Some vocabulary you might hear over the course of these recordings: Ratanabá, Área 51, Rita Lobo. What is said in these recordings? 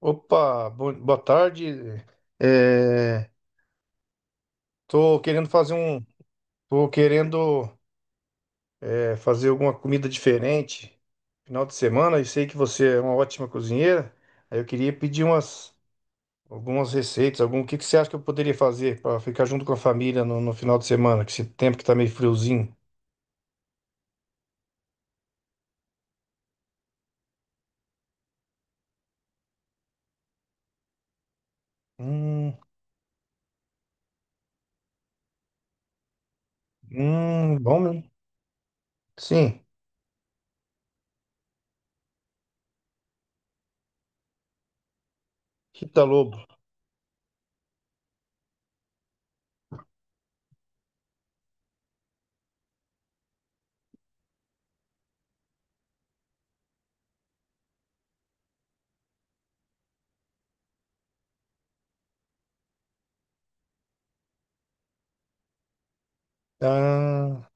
Opa, boa tarde. É, Tô querendo fazer tô querendo fazer alguma comida diferente final de semana. Eu sei que você é uma ótima cozinheira. Aí eu queria pedir umas algumas receitas, algum, o que que você acha que eu poderia fazer para ficar junto com a família no final de semana, que esse tempo que tá meio friozinho. Hum, bom mesmo. Sim. Rita Lobo. Ah,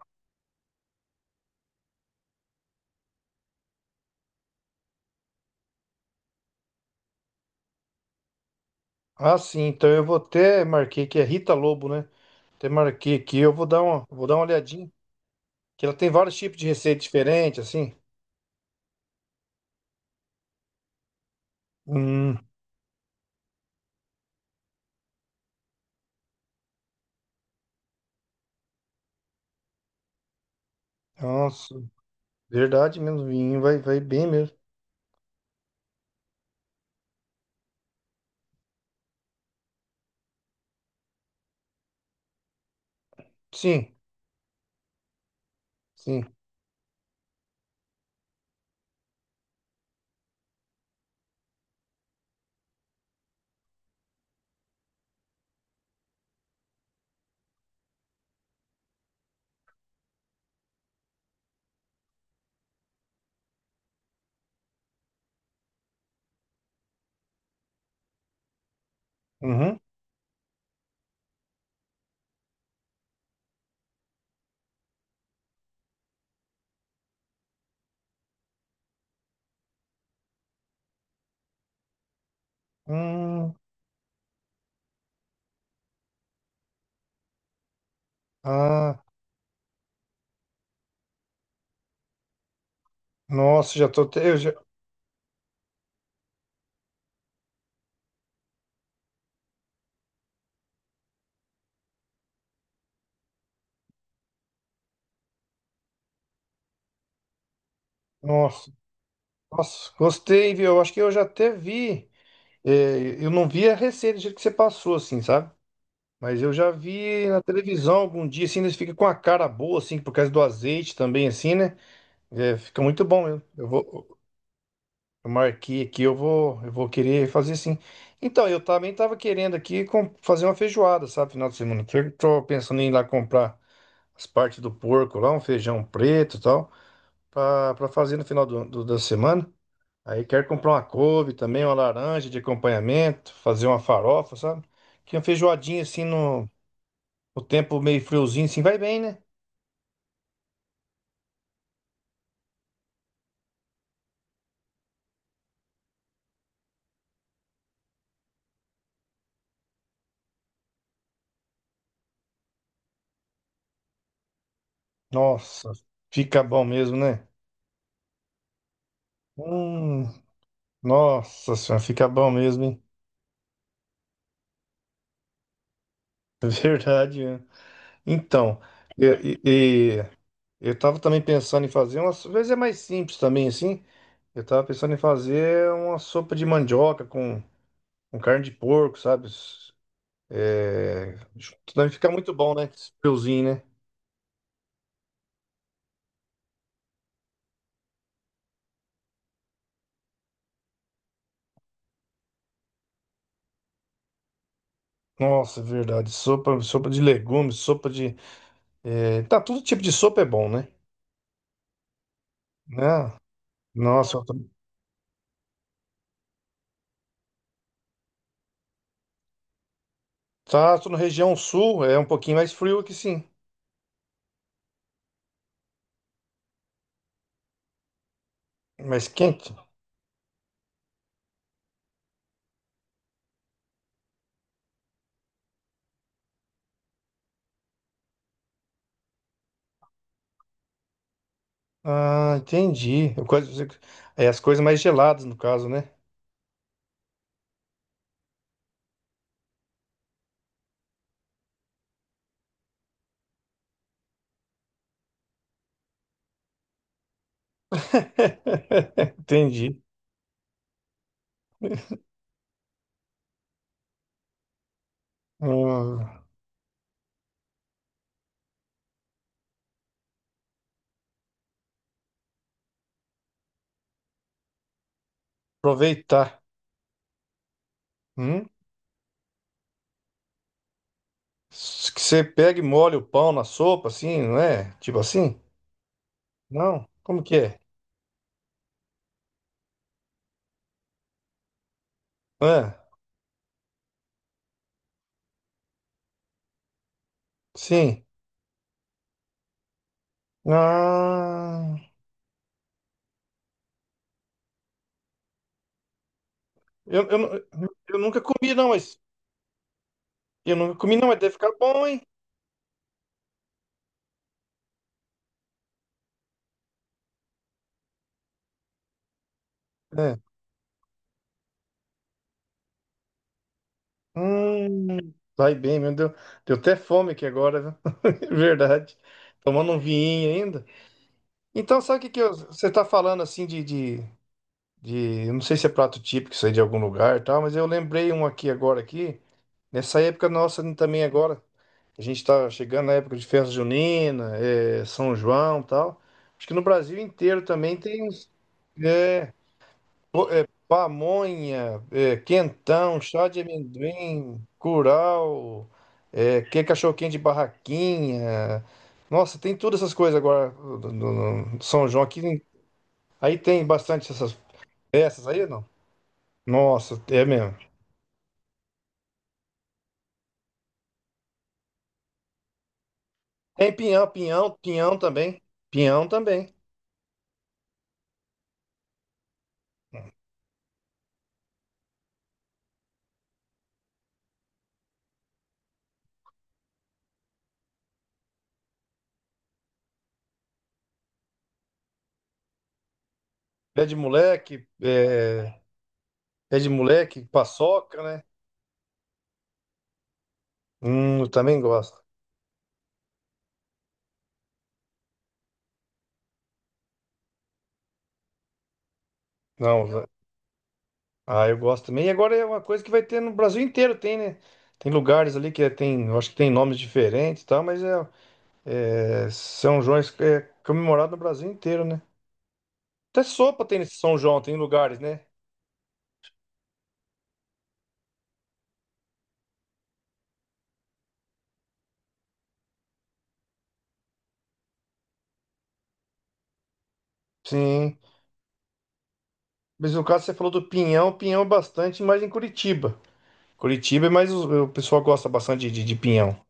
ah, sim. Então eu vou até marquei que é Rita Lobo, né? Até marquei aqui, eu vou dar uma olhadinha. Que ela tem vários tipos de receita diferente, assim. Hum. Nossa, verdade mesmo, vai bem mesmo. Sim, sim. Uhum. Hum, ah, nossa, já tô até, nossa. Nossa, gostei, viu? Eu acho que eu já até vi, eu não vi a receita do jeito que você passou, assim, sabe? Mas eu já vi na televisão algum dia, assim, eles ficam com a cara boa, assim, por causa do azeite também, assim, né? É, fica muito bom mesmo. Eu marquei aqui, eu vou querer fazer sim. Então, eu também tava querendo aqui fazer uma feijoada, sabe, final de semana. Que eu tô pensando em ir lá comprar as partes do porco lá, um feijão preto e tal, pra fazer no final da semana. Aí quero comprar uma couve também, uma laranja de acompanhamento, fazer uma farofa, sabe? Que uma feijoadinha assim no tempo meio friozinho, assim, vai bem, né? Nossa, fica bom mesmo, né? Hum, nossa senhora, fica bom mesmo, hein? Verdade, né? Então, e- e- e eu estava também pensando em fazer, às vezes é mais simples também, assim. Eu estava pensando em fazer uma sopa de mandioca com carne de porco, sabe? É, deve ficar muito bom, né? Esse friozinho, né? Nossa, é verdade. Sopa, sopa de legumes, sopa de. Tá, todo tipo de sopa é bom, né? Né? Nossa, eu tô, tá, tô na região sul, é um pouquinho mais frio aqui, sim. Mais quente. Ah, entendi. É as coisas mais geladas, no caso, né? Entendi. Hum, aproveitar. Hum? Que você pega e molha o pão na sopa, assim, não é? Tipo assim? Não? Como que é? Ah, sim. Ah, eu, eu, nu- eu nunca comi, não, mas. Eu nunca comi, não, mas deve ficar bom, hein? É. Hum, vai bem, meu Deus. Deu até fome aqui agora, viu? Verdade. Tomando um vinho ainda. Então, sabe o que que você está falando assim eu não sei se é prato típico, isso aí de algum lugar e tal, mas eu lembrei um aqui agora aqui, nessa época nossa também agora, a gente está chegando na época de festa junina, é, São João e tal. Acho que no Brasil inteiro também tem uns pamonha, quentão, chá de amendoim, curau, que cachorro de barraquinha. Nossa, tem todas essas coisas agora no São João aqui. Aí tem bastante essas peças aí, não? Nossa, é mesmo. Tem pinhão, pinhão também. Pinhão também. Pé de moleque, é, Pé de moleque, paçoca, né? Eu também gosto. Não, va- Ah, eu gosto também. E agora é uma coisa que vai ter no Brasil inteiro, tem, né? Tem lugares ali tem, eu acho que tem nomes diferentes e tal, é, São João é comemorado no Brasil inteiro, né? Até sopa tem nesse São João, tem lugares, né? Sim. Mas no caso você falou do pinhão, pinhão é bastante mais em Curitiba. Curitiba é mais o pessoal gosta bastante de pinhão.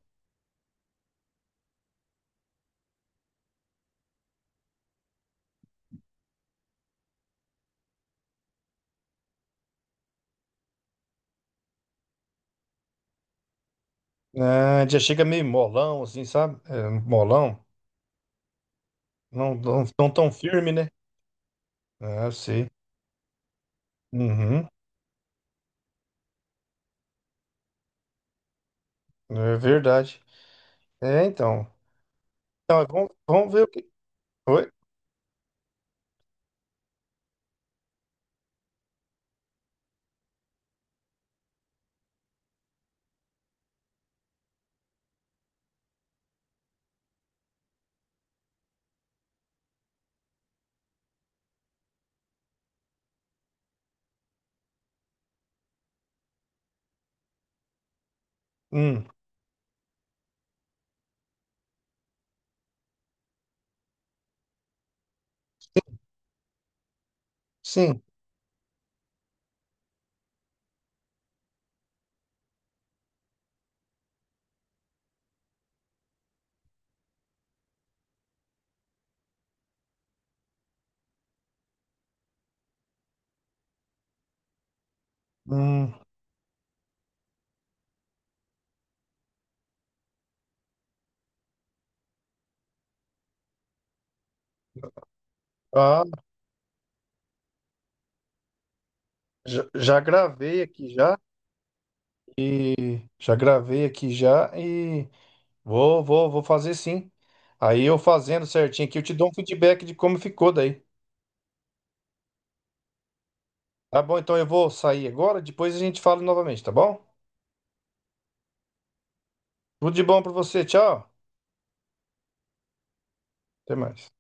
Ah, já chega meio molão, assim, sabe? É, molão, não tão firme, né? Ah, eu sei. Uhum, é verdade. É, então. Então, é, vamos ver o que. Oi? Hum, sim. Hum, ah, já gravei aqui já. Já gravei aqui já e vou fazer sim. Aí eu fazendo certinho aqui, eu te dou um feedback de como ficou daí. Tá bom, então eu vou sair agora, depois a gente fala novamente, tá bom? Tudo de bom pra você, tchau. Até mais.